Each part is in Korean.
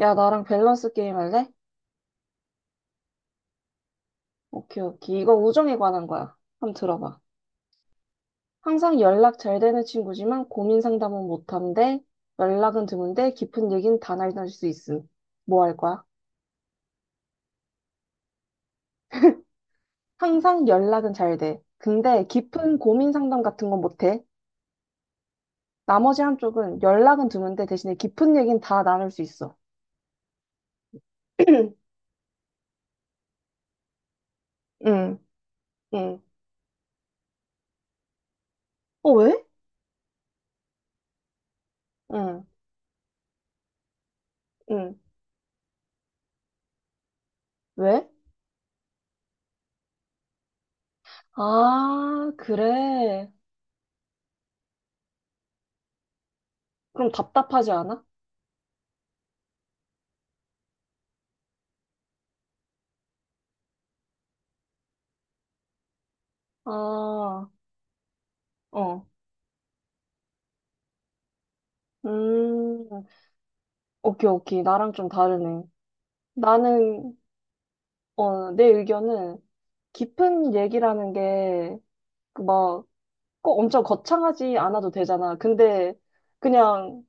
야, 나랑 밸런스 게임 할래? 오케이, 오케이. 이거 우정에 관한 거야. 한번 들어봐. 항상 연락 잘 되는 친구지만 고민 상담은 못한대, 연락은 드문데 깊은 얘기는 다 나눌 수 있음. 뭐 할 거야? 항상 연락은 잘 돼. 근데 깊은 고민 상담 같은 건 못해. 나머지 한쪽은 연락은 드문데 대신에 깊은 얘기는 다 나눌 수 있어. 응, 응. 어, 왜? 응, 응. 왜? 아, 그래. 그럼 답답하지 않아? 아, 어. 음, 오케이, 오케이. 나랑 좀 다르네. 나는, 내 의견은 깊은 얘기라는 게, 그 막, 꼭 엄청 거창하지 않아도 되잖아. 근데, 그냥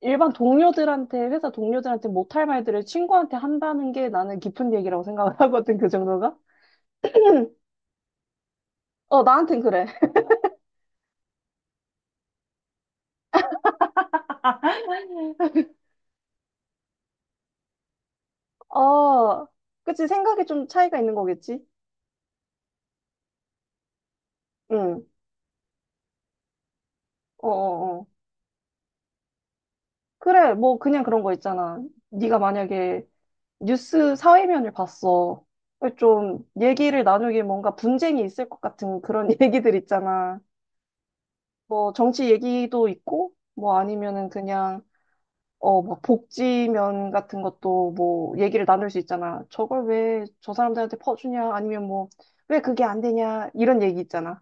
일반 동료들한테, 회사 동료들한테 못할 말들을 친구한테 한다는 게 나는 깊은 얘기라고 생각을 하거든, 그 정도가? 어, 나한텐 그래. 어, 그치. 생각이 좀 차이가 있는 거겠지? 응. 어어어. 그래, 뭐, 그냥 그런 거 있잖아. 네가 만약에 뉴스 사회면을 봤어. 좀 얘기를 나누길 뭔가 분쟁이 있을 것 같은 그런 얘기들 있잖아. 뭐 정치 얘기도 있고, 뭐 아니면은 그냥 막 복지면 같은 것도 뭐 얘기를 나눌 수 있잖아. 저걸 왜 저 사람들한테 퍼주냐? 아니면 뭐 왜 그게 안 되냐? 이런 얘기 있잖아.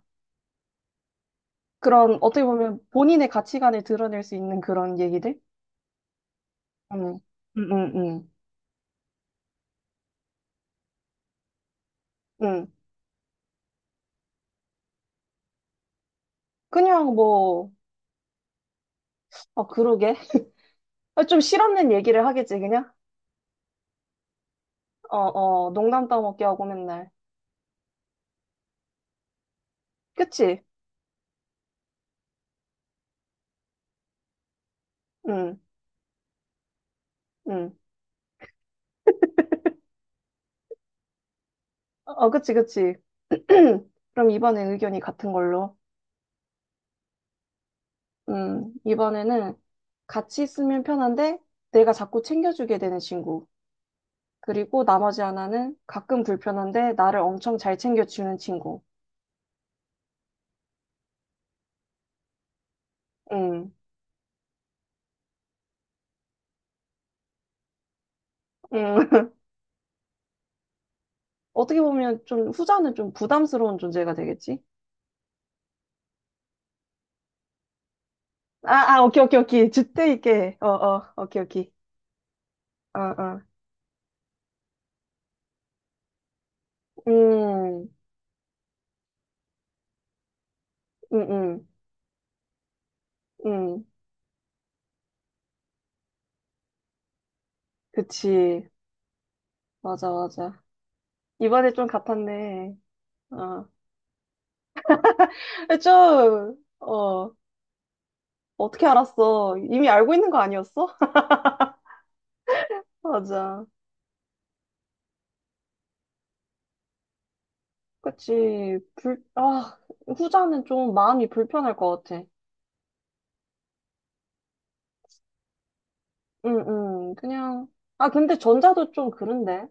그런 어떻게 보면 본인의 가치관을 드러낼 수 있는 그런 얘기들? 음, 음, 음, 음. 음. 그냥 뭐, 아, 그러게. 아, 좀 실없는 얘기를 하겠지, 그냥? 어, 어, 농담 떠먹기 하고 맨날. 그치? 응, 응. 어, 어, 그치, 그치. 그럼 이번엔 의견이 같은 걸로. 이번에는 같이 있으면 편한데 내가 자꾸 챙겨주게 되는 친구. 그리고 나머지 하나는 가끔 불편한데 나를 엄청 잘 챙겨주는 친구. 음, 음. 어떻게 보면 좀 후자는 좀 부담스러운 존재가 되겠지? 아, 아, 오케이, 오케이, 오케이. 주태 있게. 어, 어, 오케이, 오케이. 어, 어. 음, 음, 음, 음. 그치. 맞아, 맞아. 이번에 좀 같았네. 어. 근데 좀, 어떻게 알았어? 이미 알고 있는 거 아니었어? 맞아. 그치. 아, 후자는 좀 마음이 불편할 것 같아. 응, 응. 그냥, 아, 근데 전자도 좀 그런데.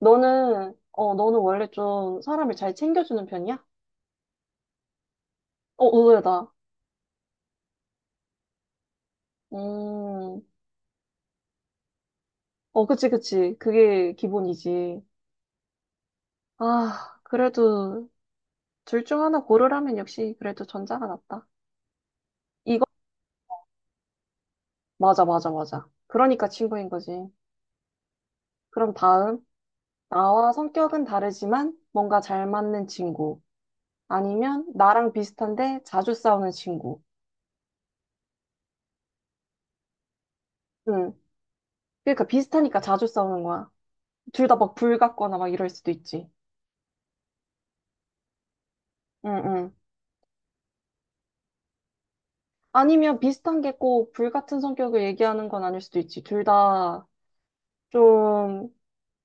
너는 원래 좀 사람을 잘 챙겨주는 편이야? 어, 의외다. 음, 어, 그치, 그치. 그게 기본이지. 아, 그래도 둘 중 하나 고르라면 역시 그래도 전자가 낫다. 이거, 맞아, 맞아, 맞아. 그러니까 친구인 거지. 그럼 다음, 나와 성격은 다르지만 뭔가 잘 맞는 친구. 아니면 나랑 비슷한데 자주 싸우는 친구. 응. 그러니까 비슷하니까 자주 싸우는 거야. 둘 다 막 불 같거나 막 이럴 수도 있지. 응, 응. 아니면 비슷한 게 꼭 불 같은 성격을 얘기하는 건 아닐 수도 있지. 둘 다 좀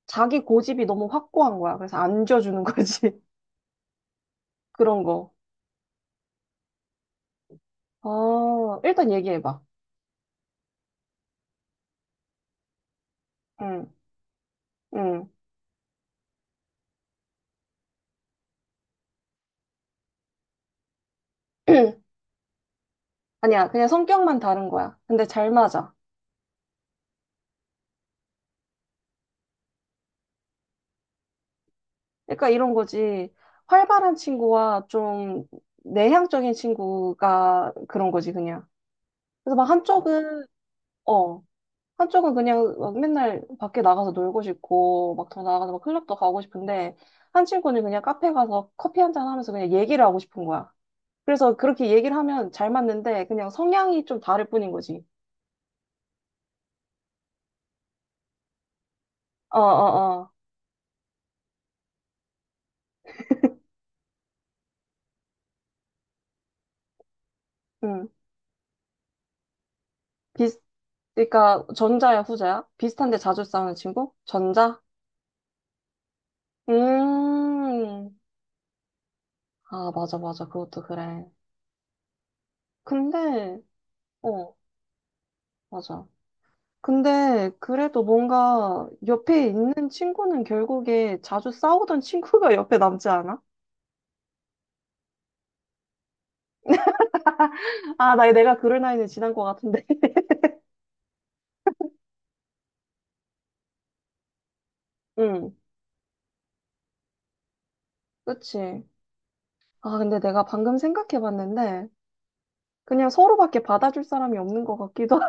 자기 고집이 너무 확고한 거야. 그래서 안 줘주는 거지. 그런 거. 어, 일단 얘기해봐. 응, 응. 아니야, 그냥 성격만 다른 거야. 근데 잘 맞아. 그러니까 이런 거지. 활발한 친구와 좀 내향적인 친구가 그런 거지, 그냥. 그래서 막 어, 한쪽은 그냥 막 맨날 밖에 나가서 놀고 싶고, 막 더 나가서 막 클럽도 가고 싶은데, 한 친구는 그냥 카페 가서 커피 한 잔 하면서 그냥 얘기를 하고 싶은 거야. 그래서 그렇게 얘기를 하면 잘 맞는데, 그냥 성향이 좀 다를 뿐인 거지. 어, 어, 어. 음 비슷, 그러니까 전자야, 후자야? 비슷한데 자주 싸우는 친구? 전자? 음. 아, 맞아, 맞아. 그것도 그래. 근데, 어, 맞아. 근데 그래도 뭔가 옆에 있는 친구는 결국에 자주 싸우던 친구가 옆에 남지 않아? 아, 나 내가 그럴 나이는 지난 것 같은데. 응, 그치. 아, 근데 내가 방금 생각해봤는데 그냥 서로밖에 받아줄 사람이 없는 것 같기도.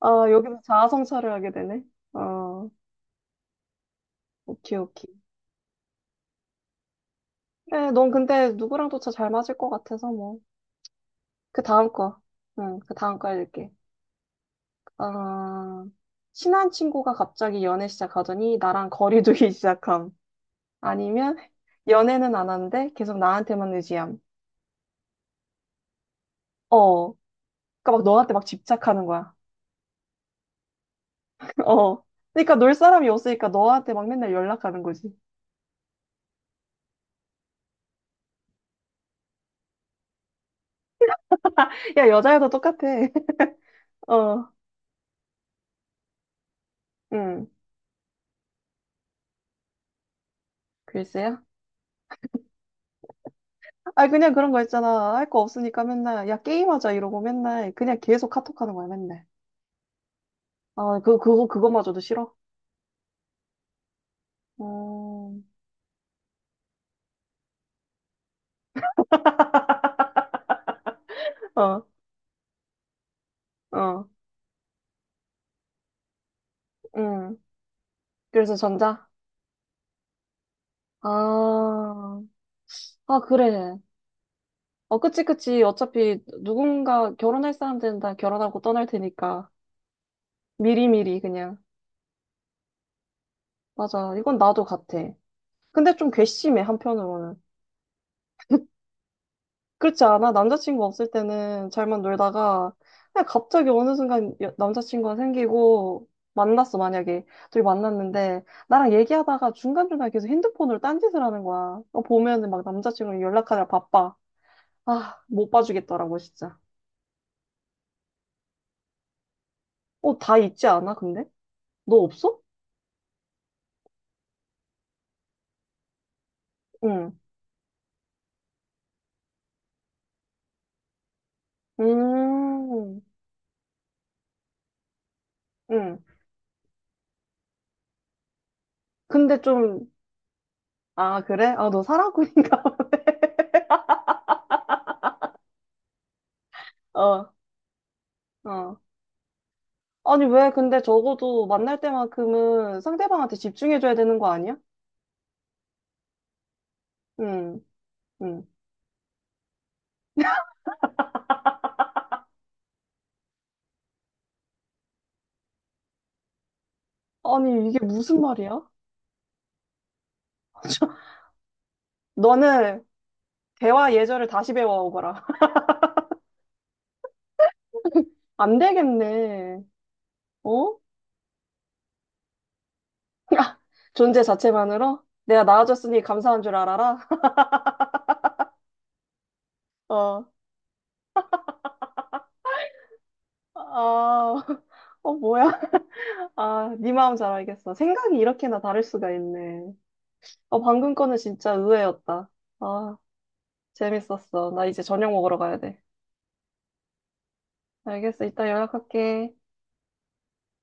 아, 여기서 자아성찰을 하게 되네. 어, 오케이, 오케이. 그래, 넌 근데 누구랑 도차 잘 맞을 것 같아서 뭐. 그 다음 거. 응, 그 다음 거 읽을게. 어, 친한 친구가 갑자기 연애 시작하더니 나랑 거리 두기 시작함. 아니면 연애는 안 하는데 계속 나한테만 의지함. 어. 그러니까 막 너한테 막 집착하는 거야. 어. 그러니까 놀 사람이 없으니까 너한테 막 맨날 연락하는 거지. 야, 여자애도 똑같아. 어. 응. 글쎄요. 아, 그냥 그런 거 있잖아. 할 거 없으니까 맨날, 야, 게임하자 이러고 맨날, 그냥 계속 카톡하는 거야, 맨날. 아, 그거마저도 싫어? 어, 어, 어, 음. 그래서 전자? 아, 아, 그래. 어, 그치, 그치. 어차피 누군가 결혼할 사람들은 다 결혼하고 떠날 테니까. 미리미리 그냥. 맞아. 이건 나도 같아. 근데 좀 괘씸해, 한편으로는. 그렇지 않아? 남자친구 없을 때는 잘만 놀다가 그냥 갑자기 어느 순간 남자친구가 생기고 만났어, 만약에. 둘이 만났는데 나랑 얘기하다가 중간중간에 계속 핸드폰으로 딴짓을 하는 거야. 어, 보면은 막 남자친구랑 연락하느라 바빠. 아, 못 봐주겠더라고, 진짜. 어, 다 있지 않아, 근데? 너 없어? 응. 음, 응. 근데 좀, 아, 그래? 아, 너 사랑꾼인가? 봐. 어, 어. 아니, 왜? 근데 적어도 만날 때만큼은 상대방한테 집중해줘야 되는 거 아니야? 응, 응. 아니, 이게 무슨 말이야? 너는 대화 예절을 다시 배워오거라. 안 되겠네. 어? 존재 자체만으로? 내가 나아졌으니 감사한 줄 알아라. 어, 아, 어, 뭐야? 아, 네 마음 잘 알겠어. 생각이 이렇게나 다를 수가 있네. 어, 방금 거는 진짜 의외였다. 아, 재밌었어. 나 이제 저녁 먹으러 가야 돼. 알겠어. 이따 연락할게.